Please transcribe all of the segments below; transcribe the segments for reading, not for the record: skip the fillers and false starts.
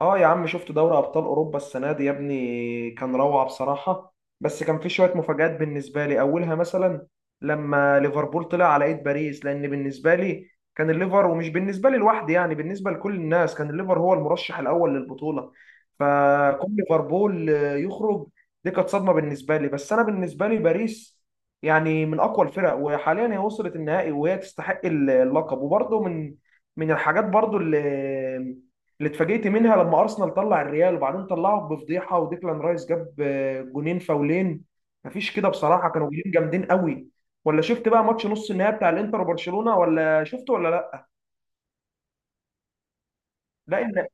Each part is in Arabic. اه يا عم، شفت دوري ابطال اوروبا السنه دي يا ابني؟ كان روعه بصراحه. بس كان في شويه مفاجآت بالنسبه لي، اولها مثلا لما ليفربول طلع على ايد باريس، لان بالنسبه لي كان الليفر، ومش بالنسبه لي لوحدي يعني، بالنسبه لكل الناس كان الليفر هو المرشح الاول للبطوله. فكون ليفربول يخرج دي كانت صدمه بالنسبه لي. بس انا بالنسبه لي باريس يعني من اقوى الفرق، وحاليا هي وصلت النهائي وهي تستحق اللقب. وبرضه من الحاجات برضه اللي اتفاجئت منها لما ارسنال طلع الريال وبعدين طلعه بفضيحه، وديكلان رايس جاب جونين فاولين مفيش كده بصراحه، كانوا جولين جامدين قوي. ولا شفت بقى ماتش نص النهائي بتاع الانتر وبرشلونه ولا شفته ولا لا؟ لا ان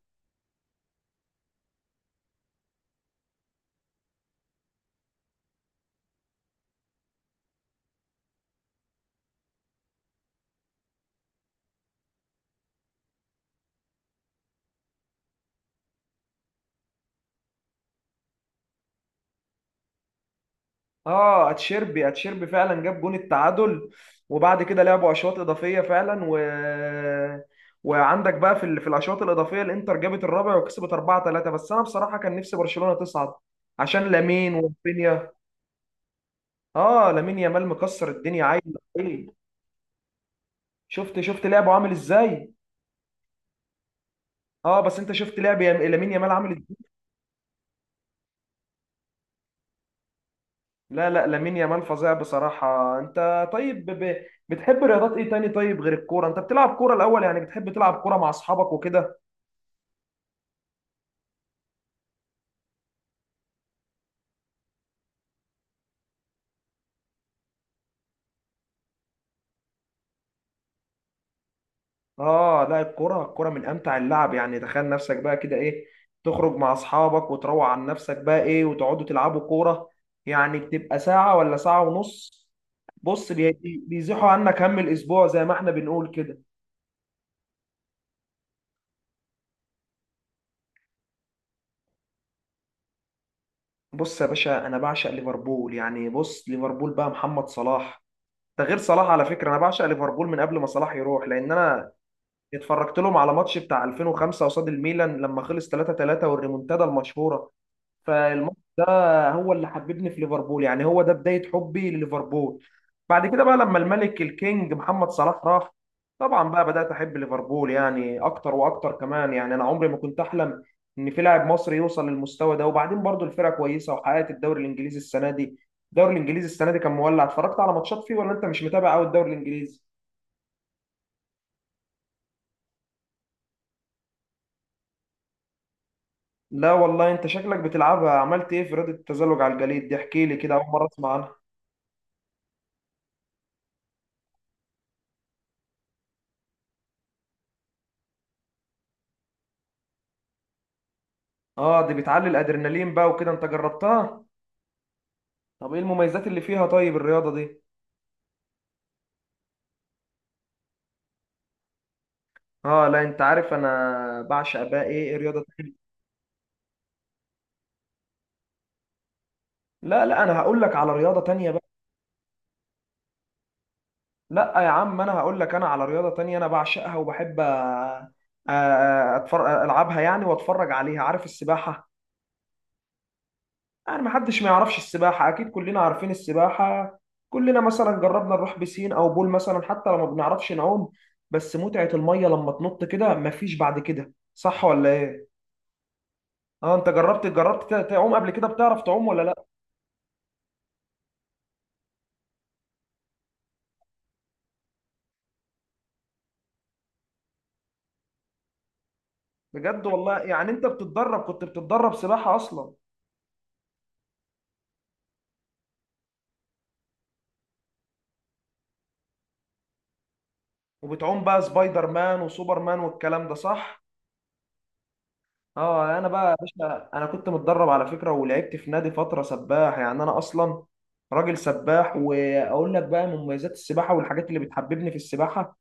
اه، اتشيربي فعلا جاب جون التعادل، وبعد كده لعبوا اشواط اضافيه فعلا. وعندك بقى في الاشواط الاضافيه الانتر جابت الرابع وكسبت 4-3. بس انا بصراحه كان نفسي برشلونه تصعد عشان لامين ورافينيا. اه لامين يامال مكسر الدنيا، عايز ايه؟ شفت لعبه عامل ازاي. اه، بس انت شفت لعب لامين يامال عامل ازاي؟ لا لا، لامين يامال فظيع بصراحه. انت طيب بتحب رياضات ايه تاني، طيب غير الكوره؟ انت بتلعب كوره الاول يعني، بتحب تلعب كوره مع اصحابك وكده؟ اه لا، الكوره الكوره من امتع اللعب. يعني تخيل نفسك بقى كده ايه، تخرج مع اصحابك وتروق عن نفسك بقى ايه، وتقعدوا تلعبوا كوره، يعني بتبقى ساعه ولا ساعه ونص. بص بيزيحوا عنك هم الاسبوع، زي ما احنا بنقول كده. بص يا باشا، انا بعشق ليفربول. يعني بص ليفربول بقى محمد صلاح، ده غير صلاح على فكره، انا بعشق ليفربول من قبل ما صلاح يروح، لان انا اتفرجت لهم على ماتش بتاع 2005 قصاد الميلان لما خلص 3-3، والريمونتادا المشهوره. فالماتش ده هو اللي حببني في ليفربول، يعني هو ده بداية حبي لليفربول. بعد كده بقى لما الملك الكينج محمد صلاح راح، طبعا بقى بدأت أحب ليفربول يعني أكتر وأكتر كمان. يعني أنا عمري ما كنت أحلم إن في لاعب مصري يوصل للمستوى ده. وبعدين برضو الفرقة كويسة وحققت الدوري الإنجليزي السنة دي. الدوري الإنجليزي السنة دي كان مولع، اتفرجت على ماتشات فيه ولا أنت مش متابع أوي الدوري الإنجليزي؟ لا والله أنت شكلك بتلعبها. عملت إيه في رياضة التزلج على الجليد دي، احكي لي كده، أول مرة أسمع عنها. آه دي بتعلي الأدرينالين بقى وكده، أنت جربتها؟ طب ايه المميزات اللي فيها طيب الرياضة دي؟ اه لا، انت عارف انا بعشق بقى ايه رياضة تانية. لا لا، انا هقول لك على رياضة تانية بقى. لا يا عم، انا هقول لك انا على رياضة تانية انا بعشقها وبحب اتفرج العبها يعني، واتفرج عليها، عارف؟ السباحة. يعني محدش ما يعرفش السباحة، اكيد كلنا عارفين السباحة. كلنا مثلا جربنا نروح بسين او بول مثلا، حتى لو ما بنعرفش نعوم بس متعة المية لما تنط كده مفيش بعد كده، صح ولا ايه؟ اه انت جربت، تعوم قبل كده؟ بتعرف تعوم ولا لا؟ بجد والله، يعني انت بتتدرب، كنت بتتدرب سباحة اصلا؟ وبتعوم بقى سبايدر مان وسوبر مان والكلام ده، صح؟ اه انا بقى يا باشا، انا كنت متدرب على فكرة ولعبت في نادي فترة سباح. يعني انا اصلا راجل سباح، واقول لك بقى مميزات السباحة والحاجات اللي بتحببني في السباحة.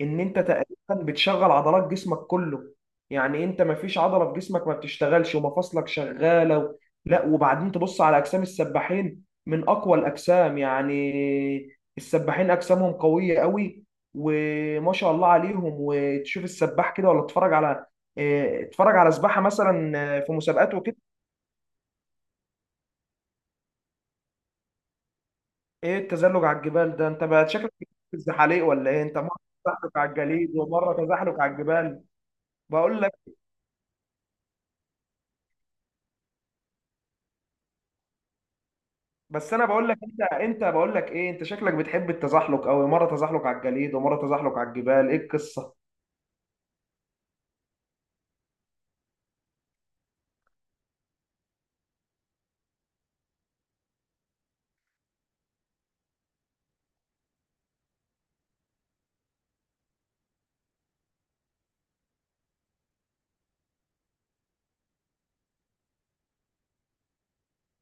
ان انت تقريبا بتشغل عضلات جسمك كله، يعني انت ما فيش عضله في جسمك ما بتشتغلش، ومفاصلك شغاله لا. وبعدين تبص على اجسام السباحين، من اقوى الاجسام يعني السباحين اجسامهم قويه قوي وما شاء الله عليهم. وتشوف السباح كده، ولا تتفرج على اه، اتفرج على سباحه مثلا، اه، في مسابقات وكده. ايه التزلج على الجبال ده؟ انت بقى شكلك في الزحاليق ولا ايه؟ انت مره تزحلق على الجليد ومره تزحلق على الجبال؟ بقول لك، بس انا بقول لك انت انت بقول لك ايه، انت شكلك بتحب التزحلق قوي، مره تزحلق على الجليد ومره تزحلق على الجبال، ايه القصه؟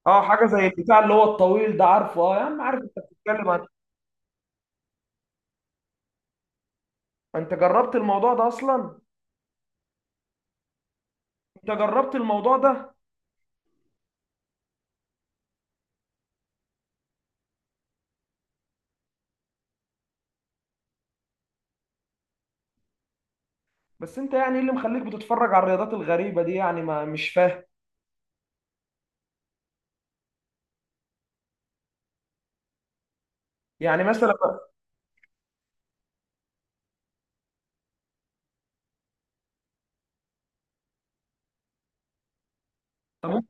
اه حاجه زي البتاع اللي هو الطويل ده، عارفه. اه يا عم عارف، انت بتتكلم عن، انت جربت الموضوع ده اصلا؟ انت جربت الموضوع ده؟ بس انت يعني ايه اللي مخليك بتتفرج على الرياضات الغريبه دي يعني، ما مش فاهم. يعني مثلا، طب انت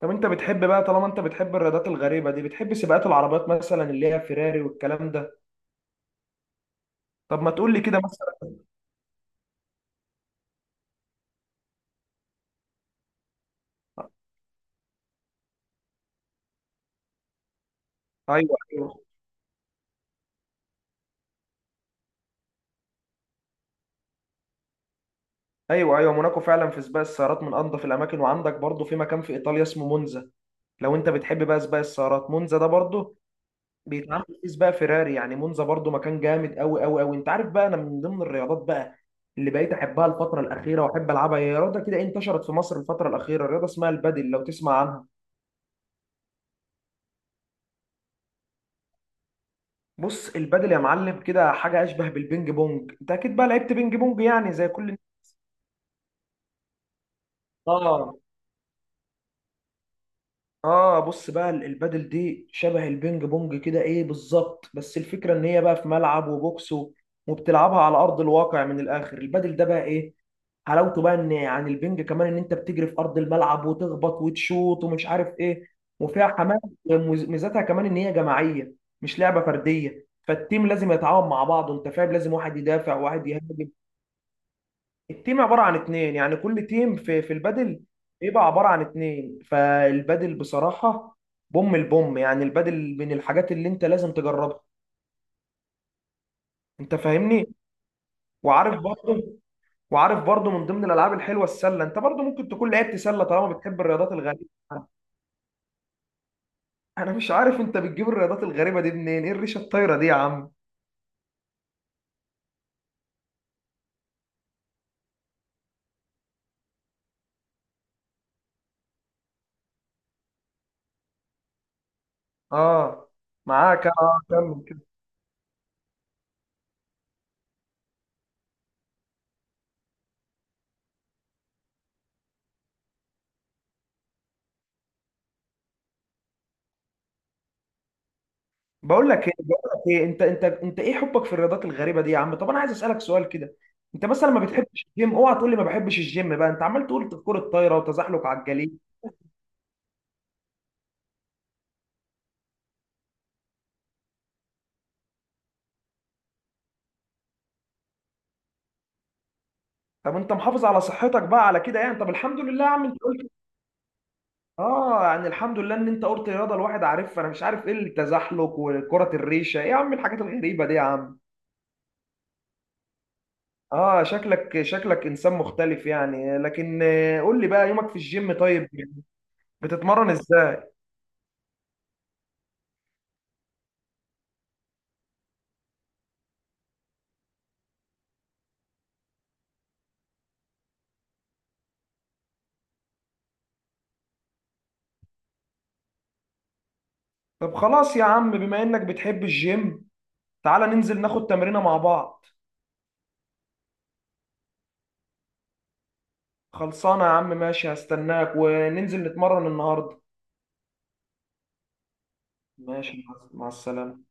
طب انت بتحب بقى طالما انت بتحب الرياضات الغريبه دي بتحب سباقات العربيات مثلا، اللي هي فيراري والكلام ده؟ طب ما تقول لي كده مثلا. آه، ايوه ايوه. ايوه ايوه، موناكو فعلا في سباق السيارات من انظف الاماكن. وعندك برضو في مكان في ايطاليا اسمه مونزا، لو انت بتحب بقى سباق السيارات، مونزا ده برضو بيتعمل فيه سباق فيراري. يعني مونزا برضو مكان جامد قوي قوي قوي. انت عارف بقى، انا من ضمن الرياضات بقى اللي بقيت احبها الفتره الاخيره واحب العبها هي رياضه كده انتشرت في مصر الفتره الاخيره، رياضه اسمها البادل، لو تسمع عنها. بص البادل يا معلم، كده حاجه اشبه بالبينج بونج. انت اكيد بقى لعبت بينج بونج يعني زي كل الناس. اه، اه بص بقى البادل دي شبه البينج بونج كده ايه بالظبط، بس الفكره ان هي بقى في ملعب وبوكس وبتلعبها على ارض الواقع. من الاخر البادل ده بقى ايه حلاوته، بقى ان عن البنج كمان ان انت بتجري في ارض الملعب وتخبط وتشوط ومش عارف ايه، وفيها حماس. ميزتها كمان ان هي جماعيه، مش لعبه فرديه، فالتيم لازم يتعاون مع بعضه انت فاهم، لازم واحد يدافع وواحد يهاجم. التيم عبارة عن اتنين، يعني كل تيم في البادل بيبقى عبارة عن اتنين. فالبادل بصراحة، بوم البوم، يعني البادل من الحاجات اللي انت لازم تجربها، انت فاهمني. وعارف برضه، من ضمن الالعاب الحلوة السلة، انت برضه ممكن تكون لعبت سلة طالما بتحب الرياضات الغريبة. انا مش عارف انت بتجيب الرياضات الغريبة دي منين، ايه الريشة الطايرة دي يا عم؟ اه معاك، اه كمل. بقول لك ايه انت، ايه حبك في الرياضات الغريبه دي يا عم؟ طب انا عايز اسالك سؤال كده، انت مثلا ما بتحبش الجيم؟ اوعى تقول لي ما بحبش الجيم بقى، انت عمال تقول كرة الطايره وتزحلق على الجليد. طب انت محافظ على صحتك بقى على كده يعني؟ طب الحمد لله يا عم، انت قلت. اه يعني الحمد لله ان انت قلت رياضه الواحد عارفها، انا مش عارف ايه التزحلق وكره الريشه، ايه يا عم الحاجات الغريبه دي يا عم؟ اه شكلك، انسان مختلف يعني، لكن قول لي بقى يومك في الجيم، طيب بتتمرن ازاي؟ طب خلاص يا عم، بما انك بتحب الجيم تعالى ننزل ناخد تمرينة مع بعض. خلصانة يا عم، ماشي هستناك وننزل نتمرن النهاردة. ماشي مع السلامة.